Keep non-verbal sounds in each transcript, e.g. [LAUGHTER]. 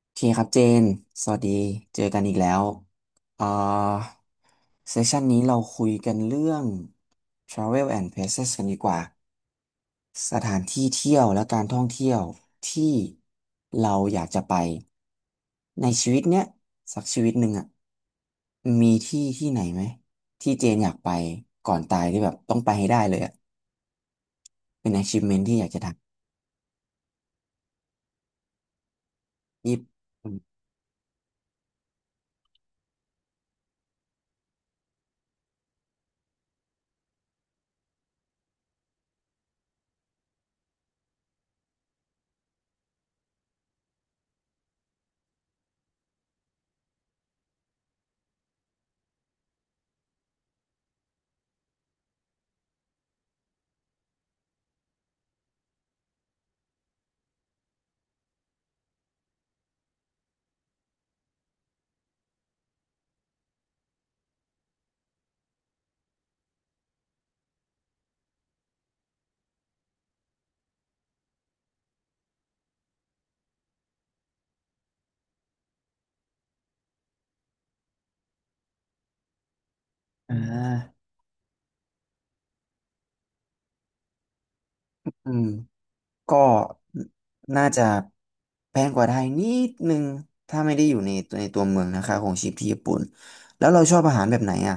โอเคครับเจน สวัสดี เจอกันอีกแล้วเอ่อเซสชันนี้เราคุยกันเรื่อง Travel and Places กันดีกว่า สถานที่เที่ยวและการท่องเที่ยวที่เราอยากจะไปในชีวิตเนี้ยสักชีวิตหนึ่งอ่ะ มีที่ที่ไหนไหมที่เจนอยากไปก่อนตายที่แบบต้องไปให้ได้เลยอ่ะ เป็น achievement ที่อยากจะทำยิบอืมอ่าอืม ก็น่าจะแพงกว่าไทยนิดนึงถ้าไม่ได้อยู่ในตัวเมืองนะคะของชีพที่ญี่ปุ่นแล้วเราชอบอาหารแบบไหนอ่ะ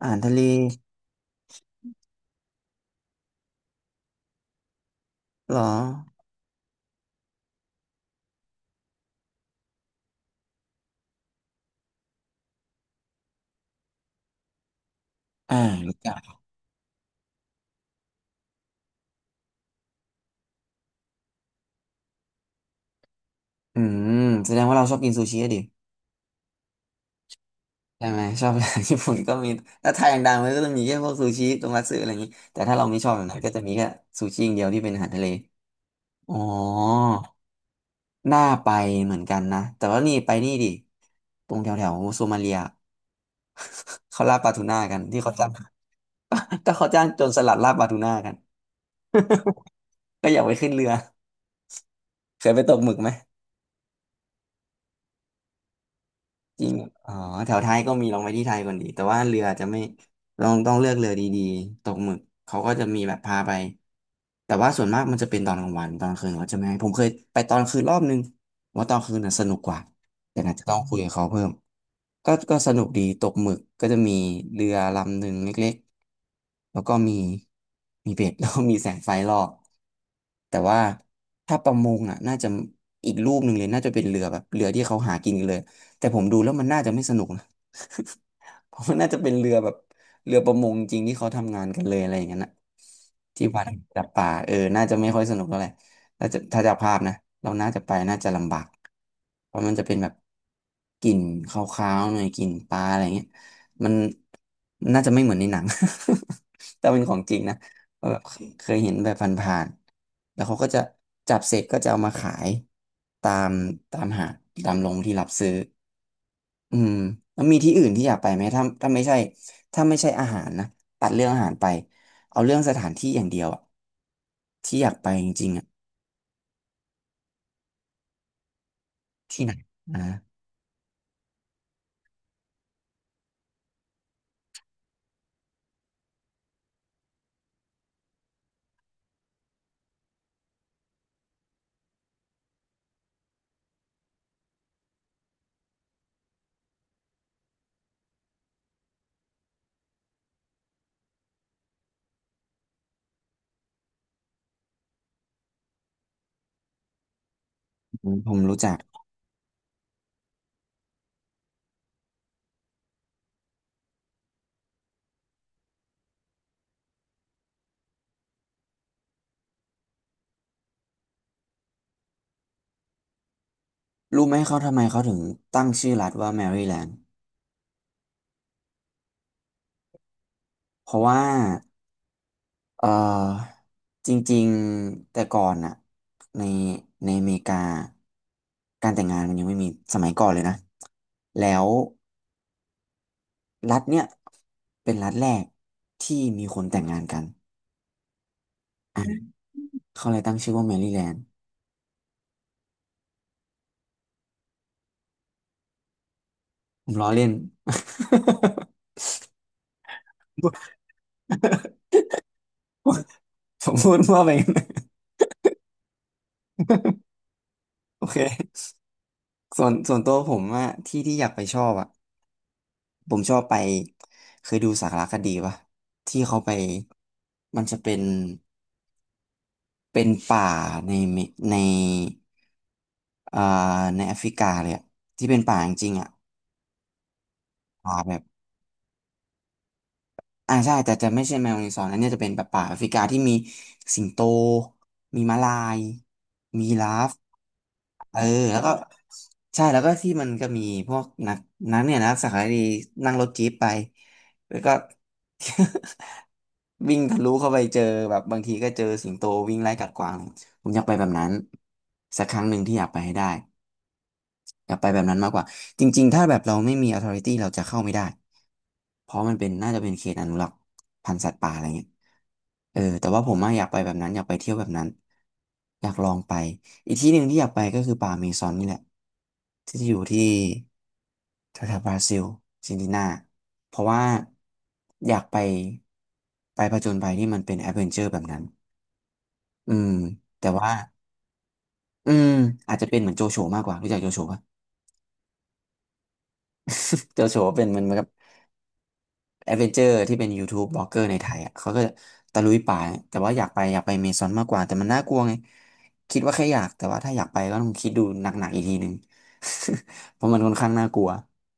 อาหารทะเลเหรออ่ารู้จักอืมแสดงว่าเราชอบกินซูชิอะดิใช่ไหมชอบ [LAUGHS] ญี่ปุ่นก็มีถ้าไทยอย่างดังมันก็จะมีแค่พวกซูชิโทมัตสึอะไรอย่างนี้แต่ถ้าเราไม่ชอบแบบนั้นก็จะมีแค่ซูชิอย่างเดียวที่เป็นอาหารทะเลอ๋อน่าไปเหมือนกันนะแต่ว่านี่ไปนี่ดิตรงแถวแถวโซมาเลียเขาล่าปลาทูน่ากันที่เขาจับ [LAUGHS] ก็เขาจ้างโจรสลัดลาบบาทูน่ากันก็อยากไปขึ้นเรือเคยไปตกหมึกไหมจริงเหรออ๋อแถวไทยก็มีลองไปที่ไทยก่อนดีแต่ว่าเรือจะไม่ลองต้องเลือกเรือดีๆตกหมึกเขาก็จะมีแบบพาไปแต่ว่าส่วนมากมันจะเป็นตอนกลางวันตอนกลางคืนเขาจะไม่ให้ผมเคยไปตอนคืนรอบนึงผมว่าตอนคืนน่ะสนุกกว่าแต่อาจจะต้องคุยกับเขาเพิ่ม ก็สนุกดีตกหมึกก็จะมีเรือลำหนึ่งเล็กๆแล้วก็มีเบ็ด [LAUGHS] แล้วก็มีแสงไฟรอบแต่ว่าถ้าประมงอ่ะน่าจะอีกรูปหนึ่งเลยน่าจะเป็นเรือแบบเรือที่เขาหากินกันเลยแต่ผมดูแล้วมันน่าจะไม่สนุกนะ [LAUGHS] เพราะมันน่าจะเป็นเรือแบบเรือประมงจริงที่เขาทำงานกันเลยอะไรอย่างนั้นนะ ที่วัดจับป่าเออน่าจะไม่ค่อยสนุกเท่าไหร่ถ้าจะภาพนะเราน่าจะไปน่าจะลำบากเพราะมันจะเป็นแบบกลิ่นคาวๆหน่อยกลิ่นปลาอะไรเงี้ยมันน่าจะไม่เหมือนในหนัง [LAUGHS] แต่เป็นของจริงนะเพราะแบบเคยเห็นแบบผ่านๆแล้วเขาก็จะจับเสร็จก็จะเอามาขายตามตามหาดตามโรงที่รับซื้อ อืมแล้วมีที่อื่นที่อยากไปไหมถ้าไม่ใช่ถ้าไม่ใช่อาหารนะตัดเรื่องอาหารไปเอาเรื่องสถานที่อย่างเดียวอะที่อยากไปจริงๆอะที่ไหนนะอืมผมรู้จักรู้ไหมเขาทำไมเขาถึงตั้งชื่อรัฐว่าแมริแลนด์เพราะว่าเออจริงๆแต่ก่อนอะในในอเมริกาการแต่งงานมันยังไม่มีสมัยก่อนเลยนะแล้วรัฐเนี่ยเป็นรัฐแรกที่มีคนแต่งงานกัน เขาเลยตั้งชื่อว่าแมรี่แลนด์ผมล้อเล่น [LAUGHS] ผมพูดมั่วไปงั้นโอเคส่วนตัวผมอะที่ที่อยากไปชอบอะผมชอบไปเคยดูสารคดีปะที่เขาไปมันจะเป็นเป็นป่าในเมในอ่าในแอฟริกาเลยอะที่เป็นป่าจริงๆอะป่าแบบใช่แต่จะไม่ใช่แมวในซอนอันเนี้ยจะเป็นแบบป่าแอฟริกาที่มีสิงโตมีม้าลายมียีราฟ เออแล้วก็ใช่แล้วก็ที่มันก็มีพวกนักเนี่ยนักสึกษดีนั่งรถจี๊ปไปแล้วก็ [LAUGHS] วิ่งทะลุเข้าไปเจอแบบบางทีก็เจอสิงโตวิ่งไล่กัดกวางผมอยากไปแบบนั้นสักครั้งหนึ่งที่อยากไปให้ได้ อยากไปแบบนั้นมากกว่าจริงๆถ้าแบบเราไม่มี authority เราจะเข้าไม่ได้เพราะมันเป็นน่าจะเป็นเขตอนุรักษ์พันธุ์สัตว์ป่าอะไรเงี้ยเออแต่ว่าผมอะอยากไปแบบนั้นอยากไปเที่ยวแบบนั้นอยากลองไปอีกที่หนึ่งที่อยากไปก็คือป่าอเมซอนนี่แหละที่อยู่ที่แถวๆบราซิลอาร์เจนตินาเพราะว่าอยากไปไปผจญภัยที่มันเป็นแอดเวนเจอร์แบบนั้นอืมแต่ว่าอืมอาจจะเป็นเหมือนโจโฉมากกว่ารู้จักโจโฉปะโจโฉเป็นมันมัน แอดเวนเจอร์ที่เป็น YouTube บล็อกเกอร์ในไทยอ่ะเขาก็ตะลุยป่าแต่ว่าอยากไปเมซอนมากกว่าแต่มันน่ากลัวไงคิดว่าแค่อยากแต่ว่าถ้าอยากไปก็ต้องคิดดูหนักๆอีกทีหนึ่ง [LAUGHS] เพราะมันค่อนข้างน่ากลัว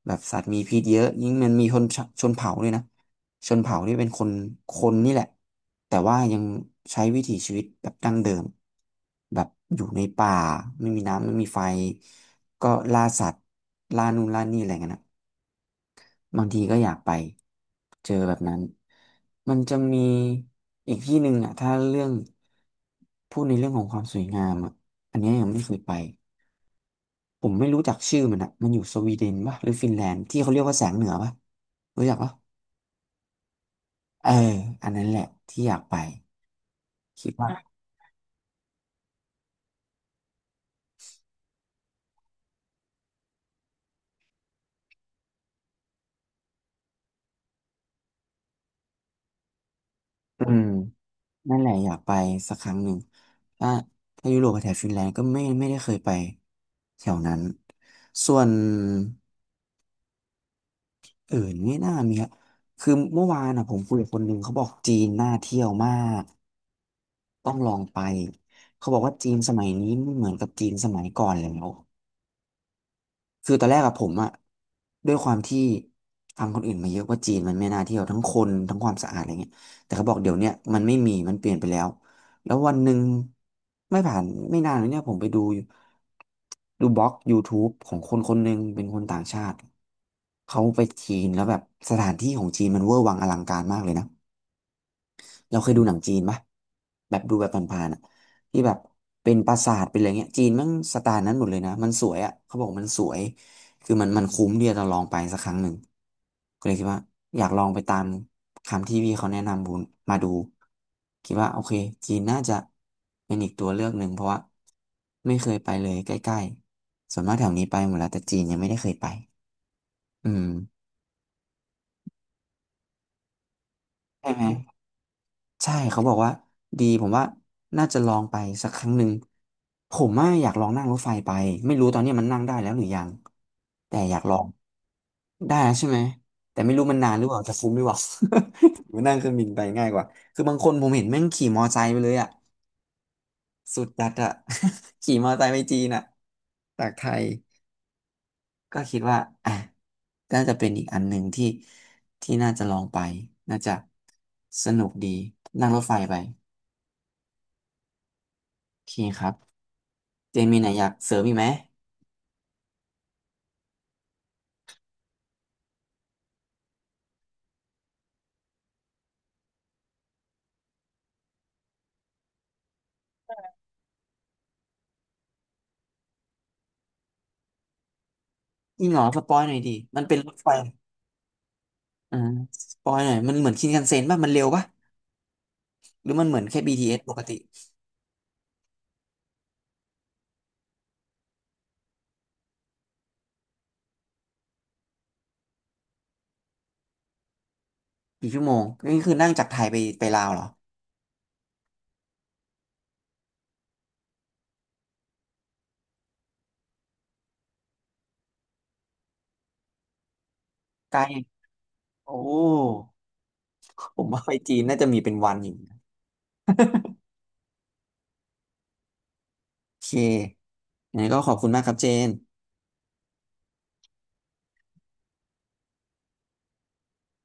แบบสัตว์มีพิษเยอะยิ่งมันมีชนเผ่าด้วยนะชนเผ่าที่เป็นคนนี่แหละแต่ว่ายังใช้วิถีชีวิตแบบดั้งเดิมแบบอยู่ในป่าไม่มีน้ำไม่มีไฟก็ล่าสัตว์ล่านู่นล่านี่อะไรเงี้ยนะ บางทีก็อยากไปเจอแบบนั้น มันจะมีอีกที่หนึ่งอ่ะถ้าเรื่องพูดในเรื่องของความสวยงามอ่ะ อันเนี้ยยังไม่เคยไป ผมไม่รู้จักชื่อมันอ่ะ มันอยู่สวีเดนป่ะหรือฟินแลนด์ที่เขาเรียกว่าแสงเหนือป่ะรู้จักป่ะเอออันนั้นแหละที่อยากไปคิดว่าอืมนั่นแหละอยากไปสักครั้งหนึ่งถ้าถ้ายุโรปกับแถบฟินแลนด์ก็ไม่ได้เคยไปแถวนั้นส่วน เออไม่น่ามีครับคือเมื่อวานอ่ะผมคุยกับคนหนึ่งเขาบอกจีนน่าเที่ยวมากต้องลองไปเขาบอกว่าจีนสมัยนี้ไม่เหมือนกับจีนสมัยก่อนแล้ว คือตอนแรกอะผมอะด้วยความที่ฟังคนอื่นมาเยอะว่าจีนมันไม่น่าเที่ยวทั้งคนทั้งความสะอาดอะไรเงี้ยแต่เขาบอกเดี๋ยวเนี้ยมันไม่มีมันเปลี่ยนไปแล้วแล้ววันหนึ่งไม่ผ่านไม่นานเลยเนี่ยผมไปดูบล็อก YouTube ของคนคนหนึ่งเป็นคนต่างชาติเขาไปจีนแล้วแบบสถานที่ของจีนมันเวอร์วังอลังการมากเลยนะ เราเคยดูหนังจีนปะแบบดูแบบผ่านๆอ่ะที่แบบเป็นปราสาทเป็นอะไรเงี้ยจีนมันสไตล์นั้นหมดเลยนะมันสวยอ่ะเขาบอกมันสวยคือมันคุ้มที่จะลองไปสักครั้งหนึ่งก็เลยคิดว่าอยากลองไปตามคำที่พี่เขาแนะนำบูนมาดูคิดว่าโอเคจีนน่าจะเป็นอีกตัวเลือกหนึ่งเพราะว่าไม่เคยไปเลยใกล้ๆส่วนมากแถวนี้ไปหมดแล้วแต่จีนยังไม่ได้เคยไปอืมใช่ไหม ใช่เขาบอกว่าดีผมว่าน่าจะลองไปสักครั้งหนึ่งผมว่าอยากลองนั่งรถไฟไปไม่รู้ตอนนี้มันนั่งได้แล้วหรือยังแต่อยากลองได้แล้วใช่ไหมแต่ไม่รู้มันนานหรือเปล่าจะฟุ้งหรือเปล่า [LAUGHS] หรนั่งเครื่องบินไปง่ายกว่าคือบางคนผมเห็นแม่งขี่มอไซค์ไปเลยอ่ะสุดจัดอ่ะ [LAUGHS] ขี่มอไซค์ไปจีนอ่ะจากไทยก็คิดว่าอ่ะน่าจะเป็นอีกอันหนึ่งที่ที่น่าจะลองไปน่าจะสนุกดีนั่งรถไฟไปโอเคครับ เจมีไหนอยากเสริมอีกไหมอีกเหรอสปอยหน่อยดิมันเป็นรถไฟอ่าสปอยหน่อยมันเหมือนชินคันเซ็นป่ะมันเร็วป่ะหรือมันเหมือนแค่ BTS ปกติกี่ชั่วโมงนี่คือนั่งจากไทยไปลาวเหรอไกลโอ้ผมว่าไปจีนน่าจะมีเป็นวันอยู่นะโอเคงั้นก็ขอบคุณมากครับเจน